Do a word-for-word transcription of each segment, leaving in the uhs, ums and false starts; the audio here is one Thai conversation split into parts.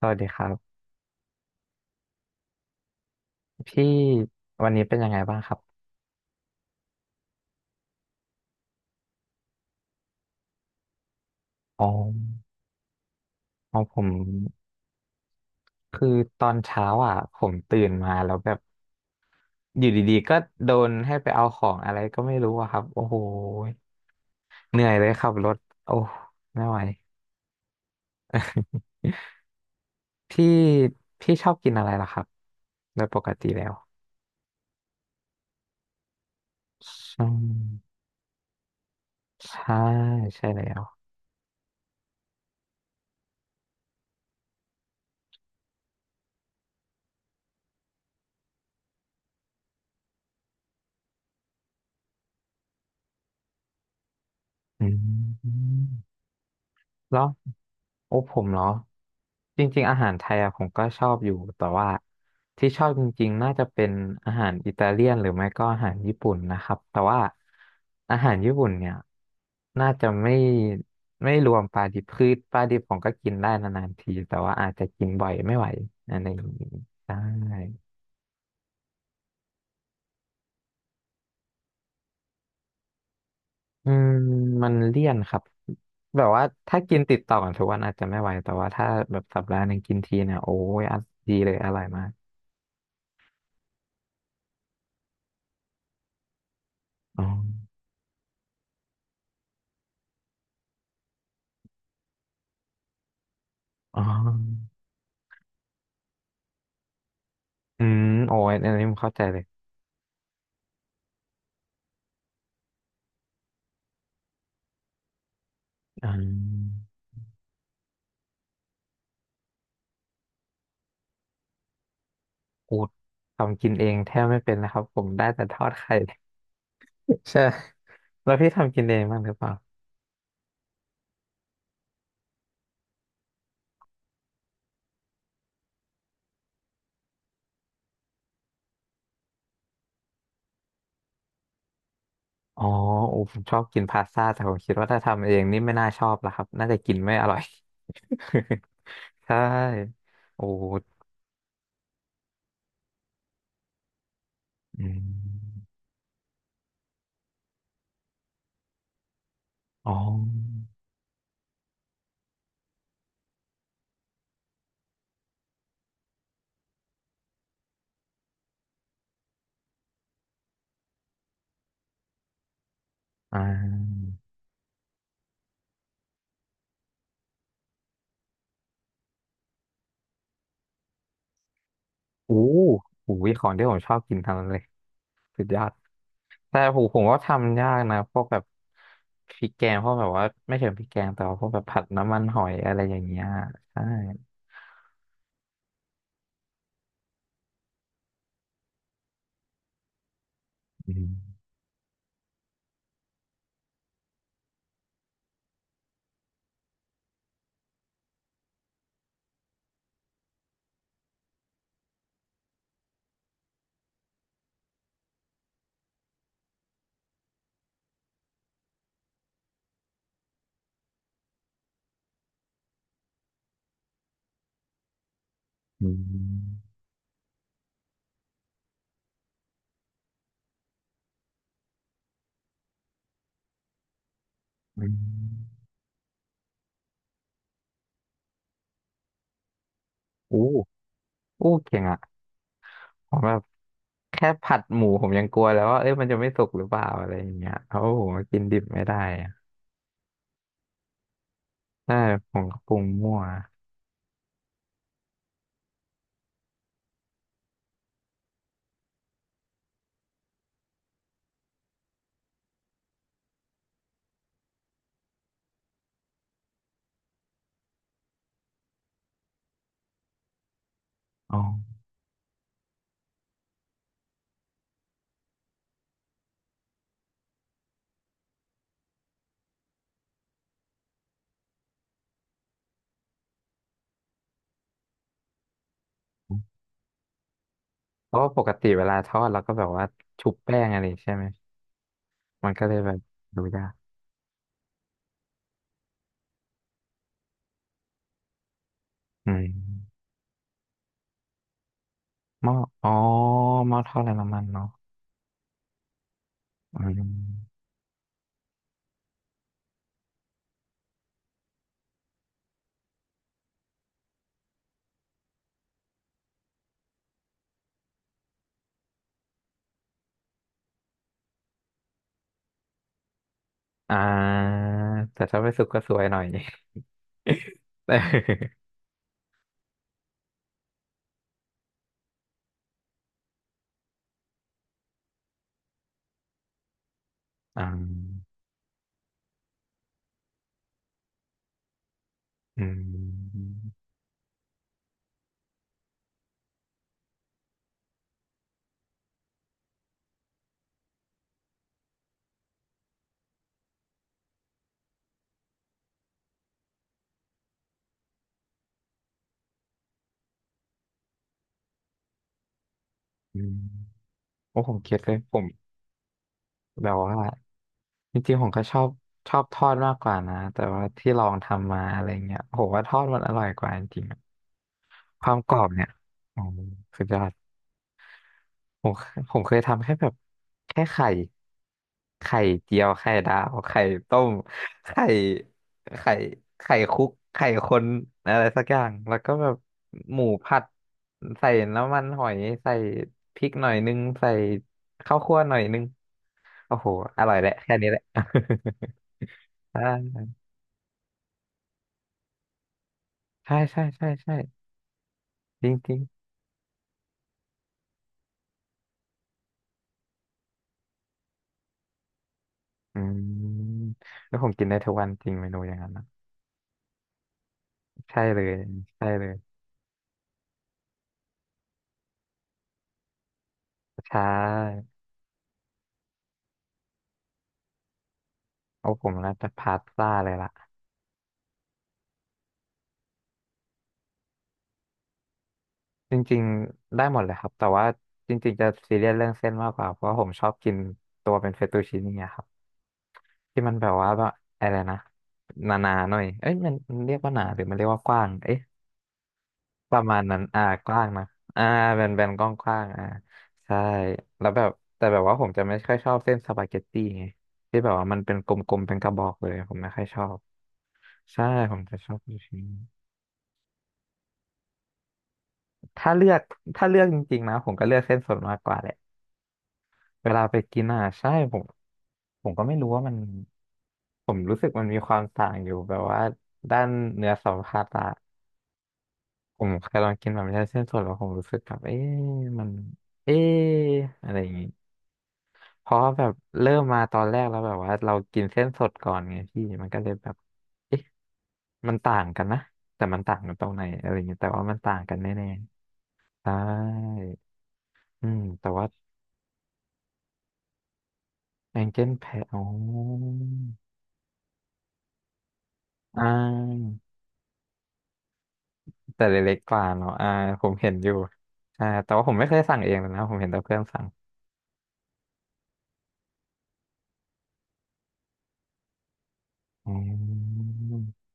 สวัสดีครับพี่วันนี้เป็นยังไงบ้างครับอ๋ออ๋อผมคือตอนเช้าอ่ะผมตื่นมาแล้วแบบอยู่ดีๆก็โดนให้ไปเอาของอะไรก็ไม่รู้อะครับโอ้โหเหนื่อยเลยขับรถโอ้ไม่ไหวพี่พี่ชอบกินอะไรล่ะครับโดยปกติแล้วอืมใช่ใช่แล้วอืม แล้วโอ้ผมเนาะจริงๆอาหารไทยอะผมก็ชอบอยู่แต่ว่าที่ชอบจริงๆน่าจะเป็นอาหารอิตาเลียนหรือไม่ก็อาหารญี่ปุ่นนะครับแต่ว่าอาหารญี่ปุ่นเนี่ยน่าจะไม่ไม่รวมปลาดิบคือปลาดิบผมก็กินได้นานๆทีแต่ว่าอาจจะกินบ่อยไม่ไหวอะไรอย่างนี้ได้อืมมันเลี่ยนครับแบบว่าถ้ากินติดต่อกันทุกวันอาจจะไม่ไหวแต่ว่าถ้าแบบสัปดาห์หนึ่งกินทีเนี่ยโอ้ยอ่ะดีเลยอร่อยมากอ๋อ อ๋ออืมโอ้ยอันนี้ผมเข้าใจเลยอืมอูดทำกินเองแทบไม่เป็นนะครับผมได้แต่ทอดไข่ ใช่แล้วพี่ทำกินเองบ้างหรือเปล่าอ๋ออูผมชอบกินพาสต้าแต่ผมคิดว่าถ้าทำเองนี่ไม่น่าชอบละครับน่าจะกินไม่อร่อย ใช่โอ้อืมอ๋ออ่าอู้หูยของที่ผมชอบกินทั้งนั้นเลยสุดยอด แต่ผมผมก็ทำยากนะพวกแบบพริกแกงพวกแบบว่าไม่เชิงพริกแกงแต่ว่าพวกแบบผัดน้ำมันหอยอะไรอย่างเงี้ยใช่อืมอืมอืมอู้อู้เก่งอ่ะผมแบบแค่ผัดหมูผมยังกลัวแล้วว่าเอ้ยมันจะไม่สุกหรือเปล่าอะไรอย่างเงี้ยเพราะว่าผมก็กินดิบไม่ได้อะใช่ผมก็ปรุงมั่วอ๋อเพราะว่าปกติเวลาทอดเราก็แบบว่าชุบแป้งอะไรใช่ไหมมันก็เลยแบบดูยากอืมหม้ออ๋อหม้อทอดไร้น้ำมันเนาะ อืมอ่าแต่ถ้าไปสุกก็สวยหน่อย เออ อ่าอืมอืมโอ้ผมคิดเลยผมแบบว่าจริงๆผมก็ชอบชอบทอดมากกว่านะ แต่ว่าที่ลองทำมาอะไรเงี้ยผมว่าทอดมันอร่อยกว่าจริงๆอะความกรอบเนี่ยอ๋อสุดยอด ผมผมเคยทำแค่แบบแค่ไข่ไข่เจียวไข่ดาวไข่ต้มไข่ไข่ไข่คุกไข่คนอะไรสักอย่างแล้วก็แบบหมูผัดใส่น้ำมันหอยใส่พริกหน่อยนึงใส่ข้าวคั่วหน่อยนึงโอ้โหอร่อยแหละแค่นี้แหละ อ่าใช่ใช่ใช่ใช่จริงจริงอืมแล้วผมกินได้ทุกวันจริงเมนูอย่างนั้นนะใช่เลยใช่เลยใช่ เอาผมน่าจะพาสต้าเลยล่ะจริงๆได้หมดเลยครับแต่ว่าจริงๆจะซีเรียสเรื่องเส้นมากกว่าเพราะว่าผมชอบกินตัวเป็นเฟตตูชินี่อะครับที่มันแบบว่าแบบอะไรนะหนาๆหน่อยเอ้ยมันมันเรียกว่าหนาหรือมันเรียกว่ากว้างเอ๊ะประมาณนั้นอ่ากว้างนะอ่าแบนแบนกว้างกว้างอ่าใช่แล้วแบบแต่แบบว่าผมจะไม่ค่อยชอบเส้นสปาเกตตี้ไงที่แบบว่ามันเป็นกลมๆเป็นกระบอกเลยผมไม่ค่อยชอบใช่ผมจะชอบลูกชิ้นถ้าเลือกถ้าเลือกจริงๆนะผมก็เลือกเส้นสดมากกว่าแหละ เวลาไปกินอ่ะใช่ผมผมก็ไม่รู้ว่ามันผมรู้สึกมันมีความต่างอยู่แบบว่าด้านเนื้อสัมผัสอะผมเคยลองกินแบบไม่ใช่เส้นสดแล้วผมรู้สึกแบบเอ๊ะมันเอ๊ะอะไรอย่างงี้เพราะว่าแบบเริ่มมาตอนแรกแล้วแบบว่าเรากินเส้นสดก่อนไงพี่มันก็เลยแบบเอ๊ะมันต่างกันนะแต่มันต่างกันตรงไหนอะไรอย่างงี้แต่ว่ามันต่างกันแน่ๆใช่อืมแต่ว่าแองเจิลแพะอ๋ออ่า แต่เล็กๆกว่าเนาะอ่าผมเห็นอยู่ใช่าแต่ว่าผมไม่เคยสั่งเองเลยนะผมเห็นแต่เพื่อนสั่งอืม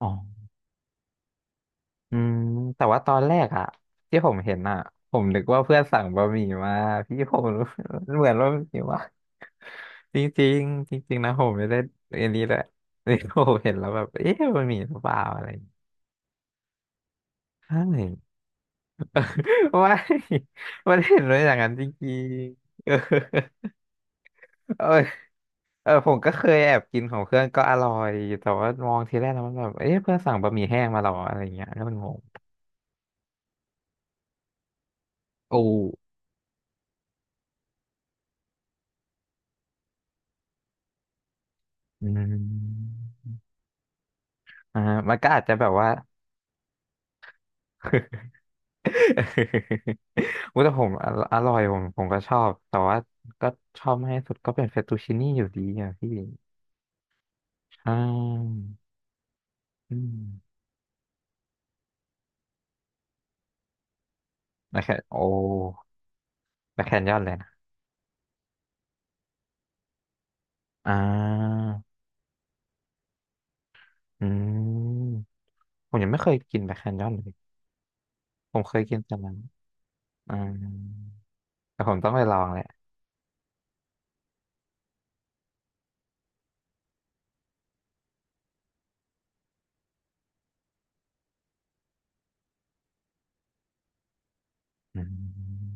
อ๋ออืมแต่ว่าตอนแรกอะที่ผมเห็นอะผมนึกว่าเพื่อนสั่งบะหมี่มาพี่ผม เหมือนว่าบะหมี่ว่าจริงๆจริงๆนะผมไม่ได้อันนี้เลย นี่ผมเห็นแล้วแบบเอ๊ะบะหมี่หรือเปล่าอะไรอย่างเงี้ยใช่ ว่า มันเห็นเลยอย่างนั้นจริงๆเออ เออผมก็เคยแอบกินของเพื่อนก็อร่อยแต่ว่ามองทีแรกแล้วมันแบบเอ๊ะเพื่อนสั่งบะหมี่แห้งมาเหรออะไรเงี้ยแล้วมันงงโอ้อืมอ่ามันก็อาจจะแบบว่า อุ้ยแต่ผมอร่อร่อยผมผมก็ชอบแต่ว่าก็ชอบมากที่สุดก็เป็นเฟตตูชินี่อยู่ดีอ่ะพี่ใช่อืมแมคแคนโอ้แมคแคนยอนเลยนะอ่าอืมผมยังไม่เคยกินแมคแคนยอนเลยผมเคยกินแต่นั้นอ่า แต่ผมต้องไปลองแหละอืม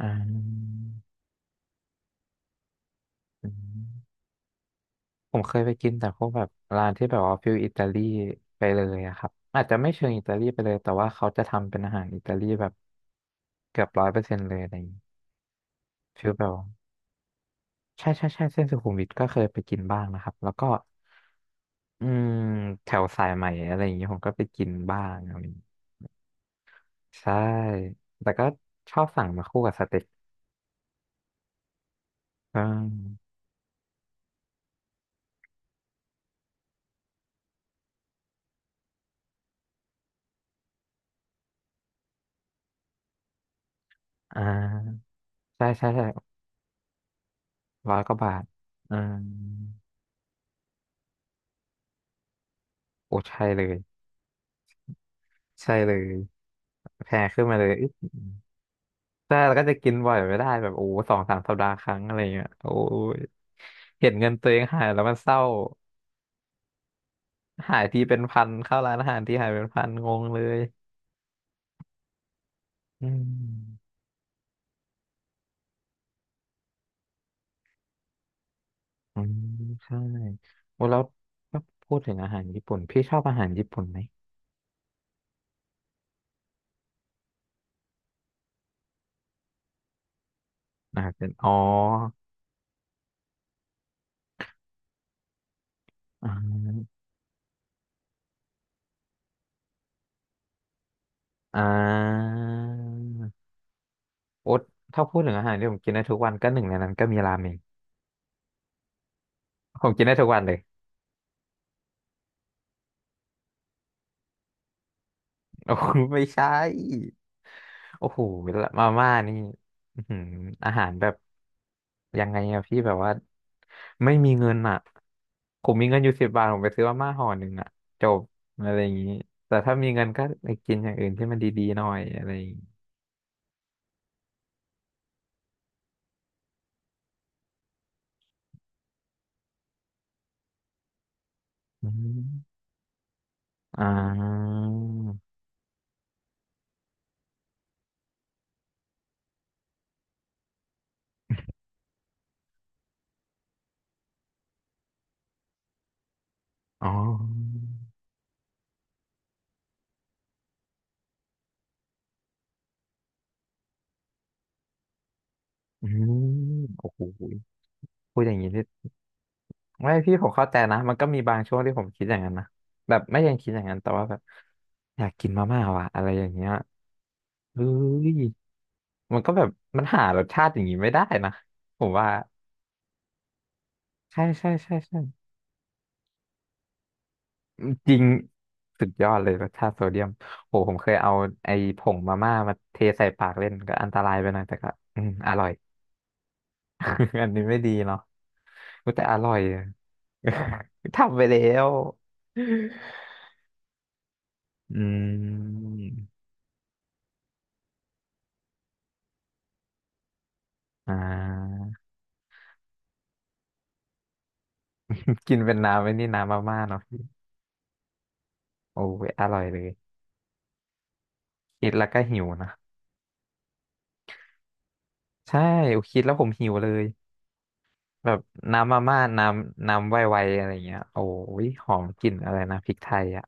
อ่าอืมผมเคยไปกินแต่พวกแบบร้านที่แบบว่าฟิลอิตาลีไปเลยอะครับอาจจะไม่เชิงอิตาลีไปเลยแต่ว่าเขาจะทำเป็นอาหารอิตาลีแบบเกือบร้อยเปอร์เซ็นต์เลยอะไรอย่างงี้ฟิลแบบว่าใช่ใช่ใช่เส้นสุขุมวิทก็เคยไปกินบ้างนะครับแล้วก็อืมแถวสายใหม่อะไรอย่างงี้ผมก็ไปกินบ้างอะไรอย่างงี้ใช่แต่ก็ชอบสั่งมาคู่กับสเต็กอ่าอ่าใช่ใช่ใช่ ร้อยกว่าบาทอืมโอ้ใช่เลยใช่เลยแพงขึ้นมาเลยอึ๊บใช่แล้วก็จะกินบ่อยไม่ได้แบบโอ้สองสามสัปดาห์ครั้งอะไรเงี้ยโอ้ยเห็นเงินตัวเองหายแล้วมันเศร้า หายทีเป็นพันเข้าร้านอาหารทีหายเป็นพันงงเลยอืมอืมใช่โอ้แล้วถ้าพูดถึงอาหารญี่ปุ่นพี่ชอบอาหารญี่ปุ่นไหมนะารเป็นอ๋ออ่าอ่า โอ๊ตถ้าพูดถึงอาหารที่ผมกินได้ทุกวันก็หนึ่งในนั้นก็มีราเมงผมกินได้ทุกวันเลย โอ้โหไม่ใช่โอ้โหมาม่านี่อื้อหืออาหารแบบยังไงอะพี่แบบว่าไม่มีเงินอะผมมีเงินอยู่สิบบาทผมไปซื้อมาม่าห่อหนึ่งอะจบอะไรอย่างนี้แต่ถ้ามีเงินก็ไปกินอย่างอื่นที่มันดีๆหน่อยอะไรอย่างงี้อืมอ่าอ๋ออืมโอ้โหพูดอย่างนี้นี่ ไม่พี่ผมเข้าใจนะมันก็มีบางช่วงที่ผมคิดอย่างนั้นนะแบบไม่ยังคิดอย่างนั้นแต่ว่าแบบอยากกินมาม่าว่ะอะไรอย่างเงี้ยเฮ้ยมันก็แบบมันหารสชาติอย่างนี้ไม่ได้นะผมว่าใช่ใช่ใช่ใช่จริงสุดยอดเลยรสชาติโซเดียมโหผมเคยเอาไอ้ผงมาม่ามาเทใส่ปากเล่นก็อันตรายไปหน่อยแต่ก็อืมอร่อย อันนี้ไม่ดีเนาะอุ๊ยแต่อร่อยอะ ทำไปแล้วอืมอ่า กินเป็นน้ำไอ้นี่น้ำมาม่าเนาะโอ้ยอร่อยเลยคิดแล้วก็หิวนะใช่โอ้คิดแล้วผมหิวเลยแบบน้ำมาม่าน้ำน้ำไวๆอะไรเงี้ยโอ้ยหอมกลิ่นอะไรนะพริกไทยอ่ะ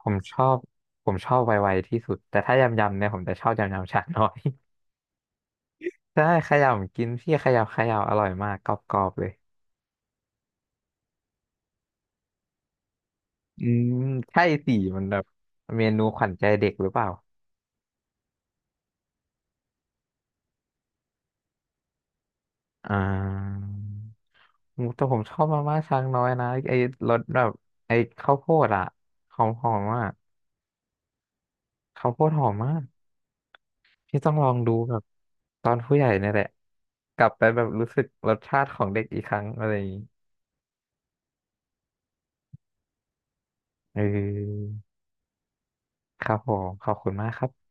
ผมชอบผมชอบไวๆที่สุดแต่ถ้ายำๆเนี่ยผมจะชอบยำๆชาน้อย ใช่ขยำกินพี่ขยำขยำอร่อยมากกรอบๆเลยอืมใช่สิมันแบบเมนูขวัญใจเด็กหรือเปล่าอ่า อืมแต่ผมชอบมาม่าช้างน้อยนะไอ้รสแบบไอ้ข้าวโพดอะหอมหอมอะข้าวโพดหอมมากพี่ต้องลองดูแบบตอนผู้ใหญ่เนี่ยแหละกลับไปแบบรู้สึกรสชาติของเด็กอีกครั้งอะไรอย่างนี้เออครับผมขอบคุณมากครับ